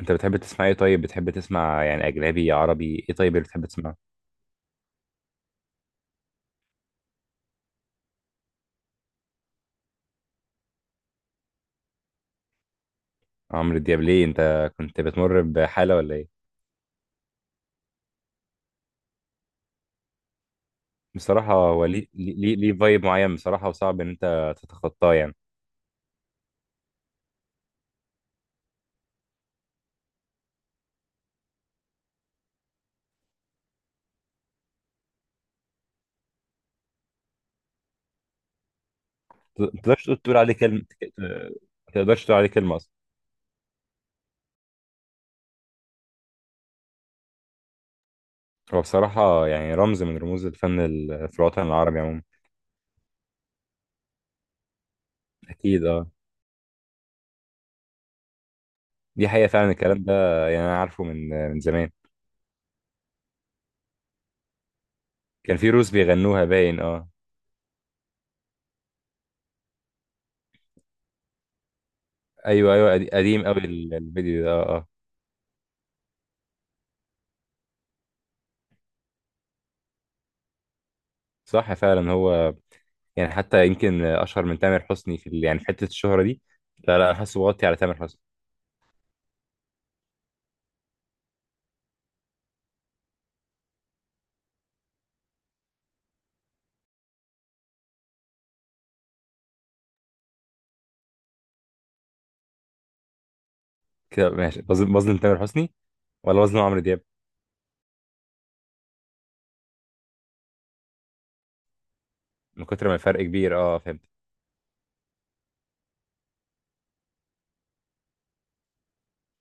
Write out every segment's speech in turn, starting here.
انت بتحب تسمع ايه؟ طيب، بتحب تسمع يعني اجنبي، عربي، ايه؟ طيب اللي بتحب تسمعه؟ عمرو دياب ليه؟ انت كنت بتمر بحاله ولا ايه؟ بصراحه هو ليه فايب معين بصراحه، وصعب ان انت تتخطاه يعني. ما تقدرش تقول عليه كلمه. ما تقدرش تقول عليه كلمه اصلا. هو بصراحه يعني رمز من رموز الفن في الوطن العربي عموما. اكيد اه، دي حقيقه فعلا الكلام ده. يعني انا عارفه من زمان. كان في روس بيغنوها باين اه. ايوه ايوه، قديم قوي، الفيديو ده. اه اه، صح فعلا هو، يعني حتى يمكن اشهر من تامر حسني في يعني في حته الشهره دي. لا لا، انا حاسه بغطي على تامر حسني. كده ماشي، بظلم تامر حسني ولا بظلم عمرو دياب؟ من كتر ما الفرق كبير اه، فهمت.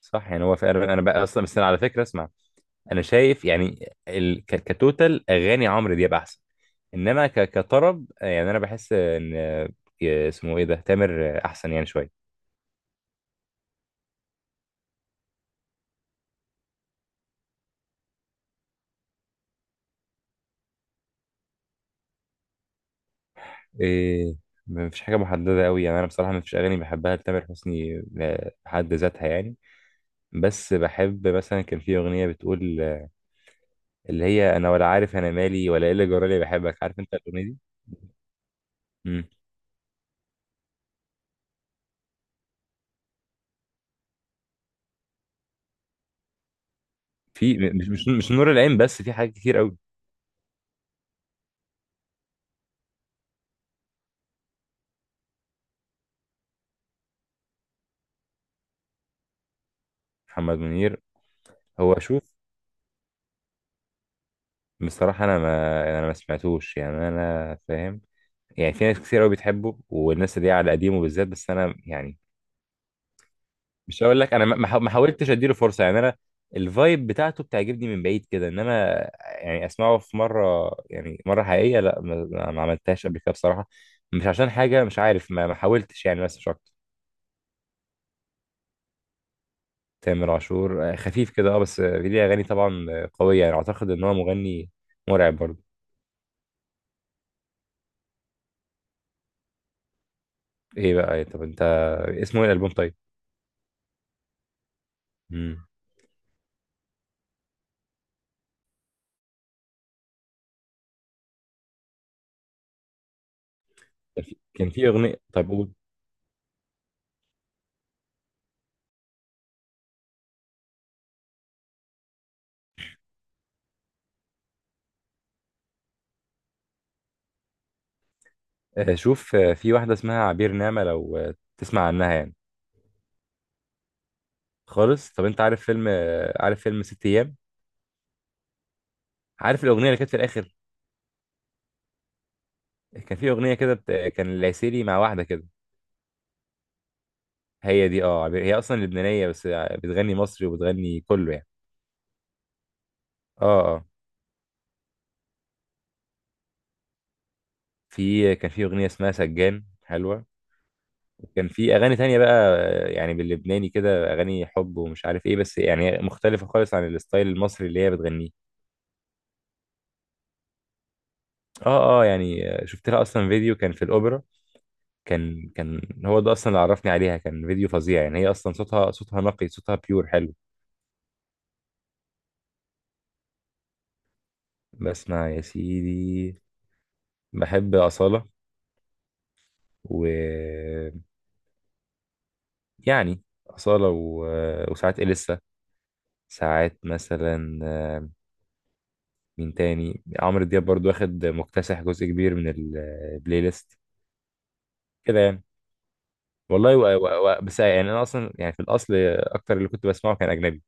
صح، يعني هو فعلا. انا بقى اصلا، بس انا على فكره اسمع، انا شايف يعني كتوتال اغاني عمرو دياب احسن. انما كطرب يعني انا بحس ان اسمه ايه ده، تامر احسن يعني شويه. إيه، مفيش حاجه محدده قوي، يعني انا بصراحه مفيش اغاني بحبها لتامر حسني بحد ذاتها يعني. بس بحب مثلا، كان في اغنيه بتقول اللي هي انا ولا عارف انا مالي ولا ايه اللي جرالي بحبك، عارف انت الاغنيه دي؟ امم. في مش نور العين، بس في حاجات كتير قوي. محمد منير. هو شوف، بصراحه انا ما سمعتوش، يعني انا فاهم. يعني في ناس كتير قوي بتحبه، والناس اللي هي على قديمه بالذات، بس انا يعني مش هقول لك انا ما حاولتش اديله فرصه، يعني انا الفايب بتاعته بتعجبني من بعيد كده، انما يعني اسمعه في مره، يعني مره حقيقيه، لا، ما عملتهاش قبل كده بصراحه. مش عشان حاجه، مش عارف، ما حاولتش يعني، بس مش اكتر. تامر عاشور خفيف كده اه، بس ليه اغاني طبعا قويه، يعني اعتقد ان هو مغني مرعب برضه. ايه بقى إيه، طب انت، اسمه ايه الالبوم طيب؟ مم. كان في اغنيه، طيب قول. شوف، في واحده اسمها عبير نعمه لو تسمع عنها يعني. خالص. طب انت عارف فيلم، عارف فيلم ست ايام؟ عارف الاغنيه اللي كانت في الاخر؟ كان في اغنيه كده بت... كان العسيلي مع واحده كده. هي دي اه، هي اصلا لبنانيه، بس بتغني مصري وبتغني كله يعني. اه اه. في كان في اغنيه اسمها سجان حلوه، وكان في اغاني تانية بقى، يعني باللبناني كده، اغاني حب ومش عارف ايه، بس يعني مختلفه خالص عن الستايل المصري اللي هي بتغنيه. اه اه، يعني شفت لها اصلا فيديو كان في الاوبرا. كان هو ده اصلا اللي عرفني عليها، كان فيديو فظيع يعني. هي اصلا صوتها، صوتها نقي، صوتها بيور حلو. بسمع يا سيدي، بحب أصالة، و يعني أصالة وساعات إليسا، ساعات مثلا مين تاني، عمرو دياب برضو واخد مكتسح جزء كبير من البلاي ليست كده يعني. والله بس يعني أنا أصلا، يعني في الأصل أكتر اللي كنت بسمعه كان أجنبي.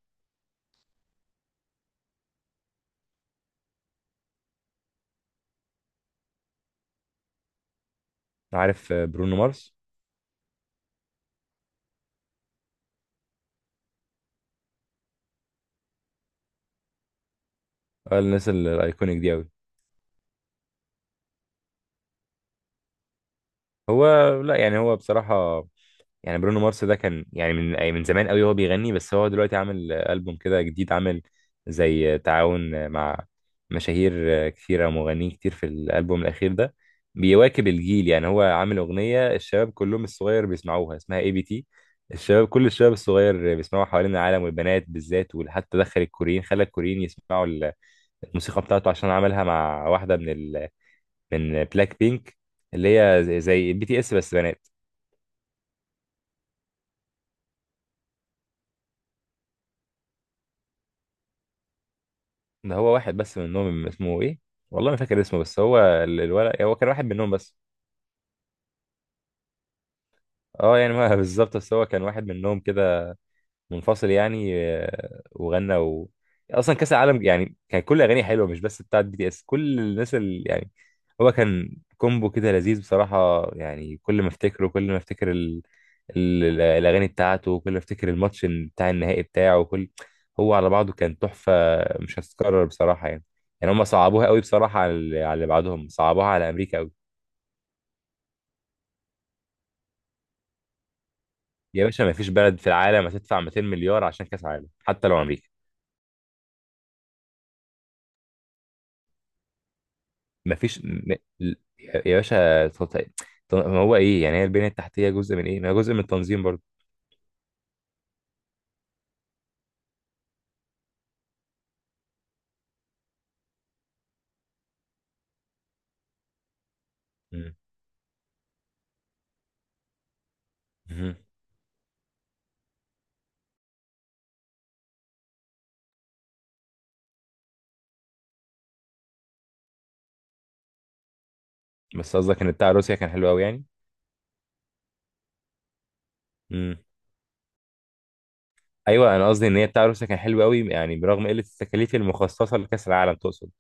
عارف برونو مارس؟ الناس الأيكونيك دي أوي. هو، لا يعني هو بصراحة، يعني برونو مارس ده كان يعني من زمان قوي هو بيغني، بس هو دلوقتي عامل ألبوم كده جديد، عامل زي تعاون مع مشاهير كتيرة ومغنيين كتير في الألبوم الأخير ده. بيواكب الجيل، يعني هو عامل أغنية الشباب كلهم الصغير بيسمعوها، اسمها اي بي تي. الشباب، كل الشباب الصغير بيسمعوها حوالين العالم، والبنات بالذات، وحتى دخل الكوريين، خلى الكوريين يسمعوا الموسيقى بتاعته، عشان عملها مع واحدة من من بلاك بينك، اللي هي زي بي تي اس بس بنات. ده هو واحد بس منهم، اسمه ايه؟ والله ما فاكر اسمه، بس هو الولد، هو كان واحد منهم بس. اه يعني ما بالظبط، بس هو كان واحد منهم كده منفصل يعني وغنى اصلا كاس العالم يعني، كان كل اغاني حلوه، مش بس بتاعت بي تي اس، كل الناس اللي يعني، هو كان كومبو كده لذيذ بصراحه يعني. كل ما افتكره، كل ما افتكر الاغاني بتاعته، كل ما افتكر الماتش بتاع النهائي بتاعه، كل هو على بعضه كان تحفه، مش هتتكرر بصراحه يعني. يعني هم صعبوها قوي بصراحه على على اللي بعدهم، صعبوها على امريكا قوي. يا باشا، ما فيش بلد في العالم هتدفع 200 مليار عشان كاس عالم، حتى لو امريكا. ما فيش ل- يا باشا ما هو ايه يعني، هي البنيه التحتيه جزء من ايه، ما هي جزء من التنظيم برضه. مم. مهم. بس قصدك ان بتاع روسيا كان حلو قوي يعني؟ مم. ايوه، انا قصدي ان هي بتاع روسيا كان حلو قوي يعني، برغم قله التكاليف المخصصه لكاس العالم تقصد.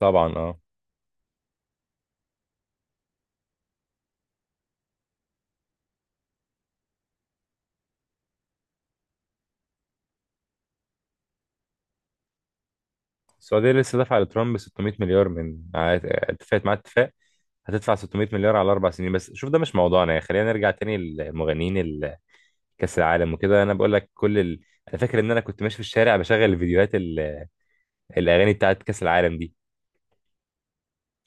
طبعا اه. السعودية لسه دافعة لترامب 600 مليار، من اتفقت معاه اتفاق هتدفع 600 مليار على 4 سنين. بس شوف، ده مش موضوعنا، يعني خلينا نرجع تاني للمغنيين كأس العالم وكده. أنا بقول لك كل أنا فاكر إن أنا كنت ماشي في الشارع بشغل الفيديوهات الأغاني بتاعت كأس العالم دي.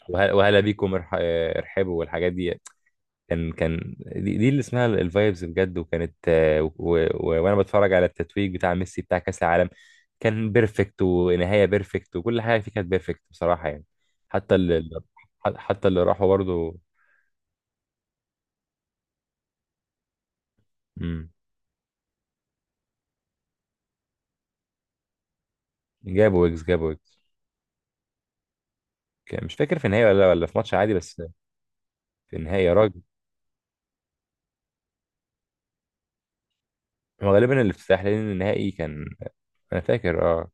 وهلا بيكم ارحبوا والحاجات دي. كان دي اللي اسمها الفايبز بجد، وكانت وانا بتفرج على التتويج بتاع ميسي بتاع كاس العالم، كان بيرفكت، ونهايه بيرفكت، وكل حاجه فيه كانت بيرفكت بصراحه يعني. حتى اللي، حتى اللي راحوا برضه. مم، جابوا ويجز. مش فاكر في النهايه ولا في ماتش عادي بس. في النهايه يا راجل. هو غالبا الافتتاح، لان النهائي كان، انا فاكر اه،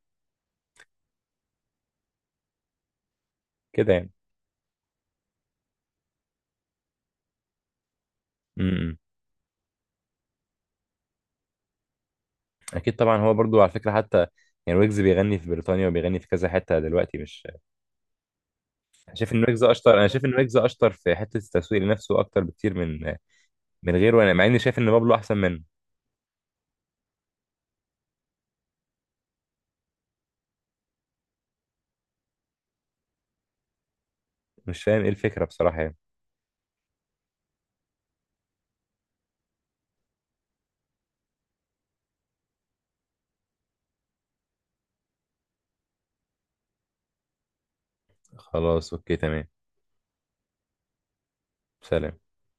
كده يعني. امم، اكيد طبعا، هو برضو على فكره حتى يعني ويجز بيغني في بريطانيا وبيغني في كذا حته دلوقتي، مش شايف ان ويجز اشطر. انا شايف ان ويجز اشطر في حته التسويق لنفسه اكتر بكتير من من غيره، انا مع اني شايف ان بابلو احسن منه. مش فاهم ايه الفكره بصراحه يعني. خلاص اوكي تمام. سلام.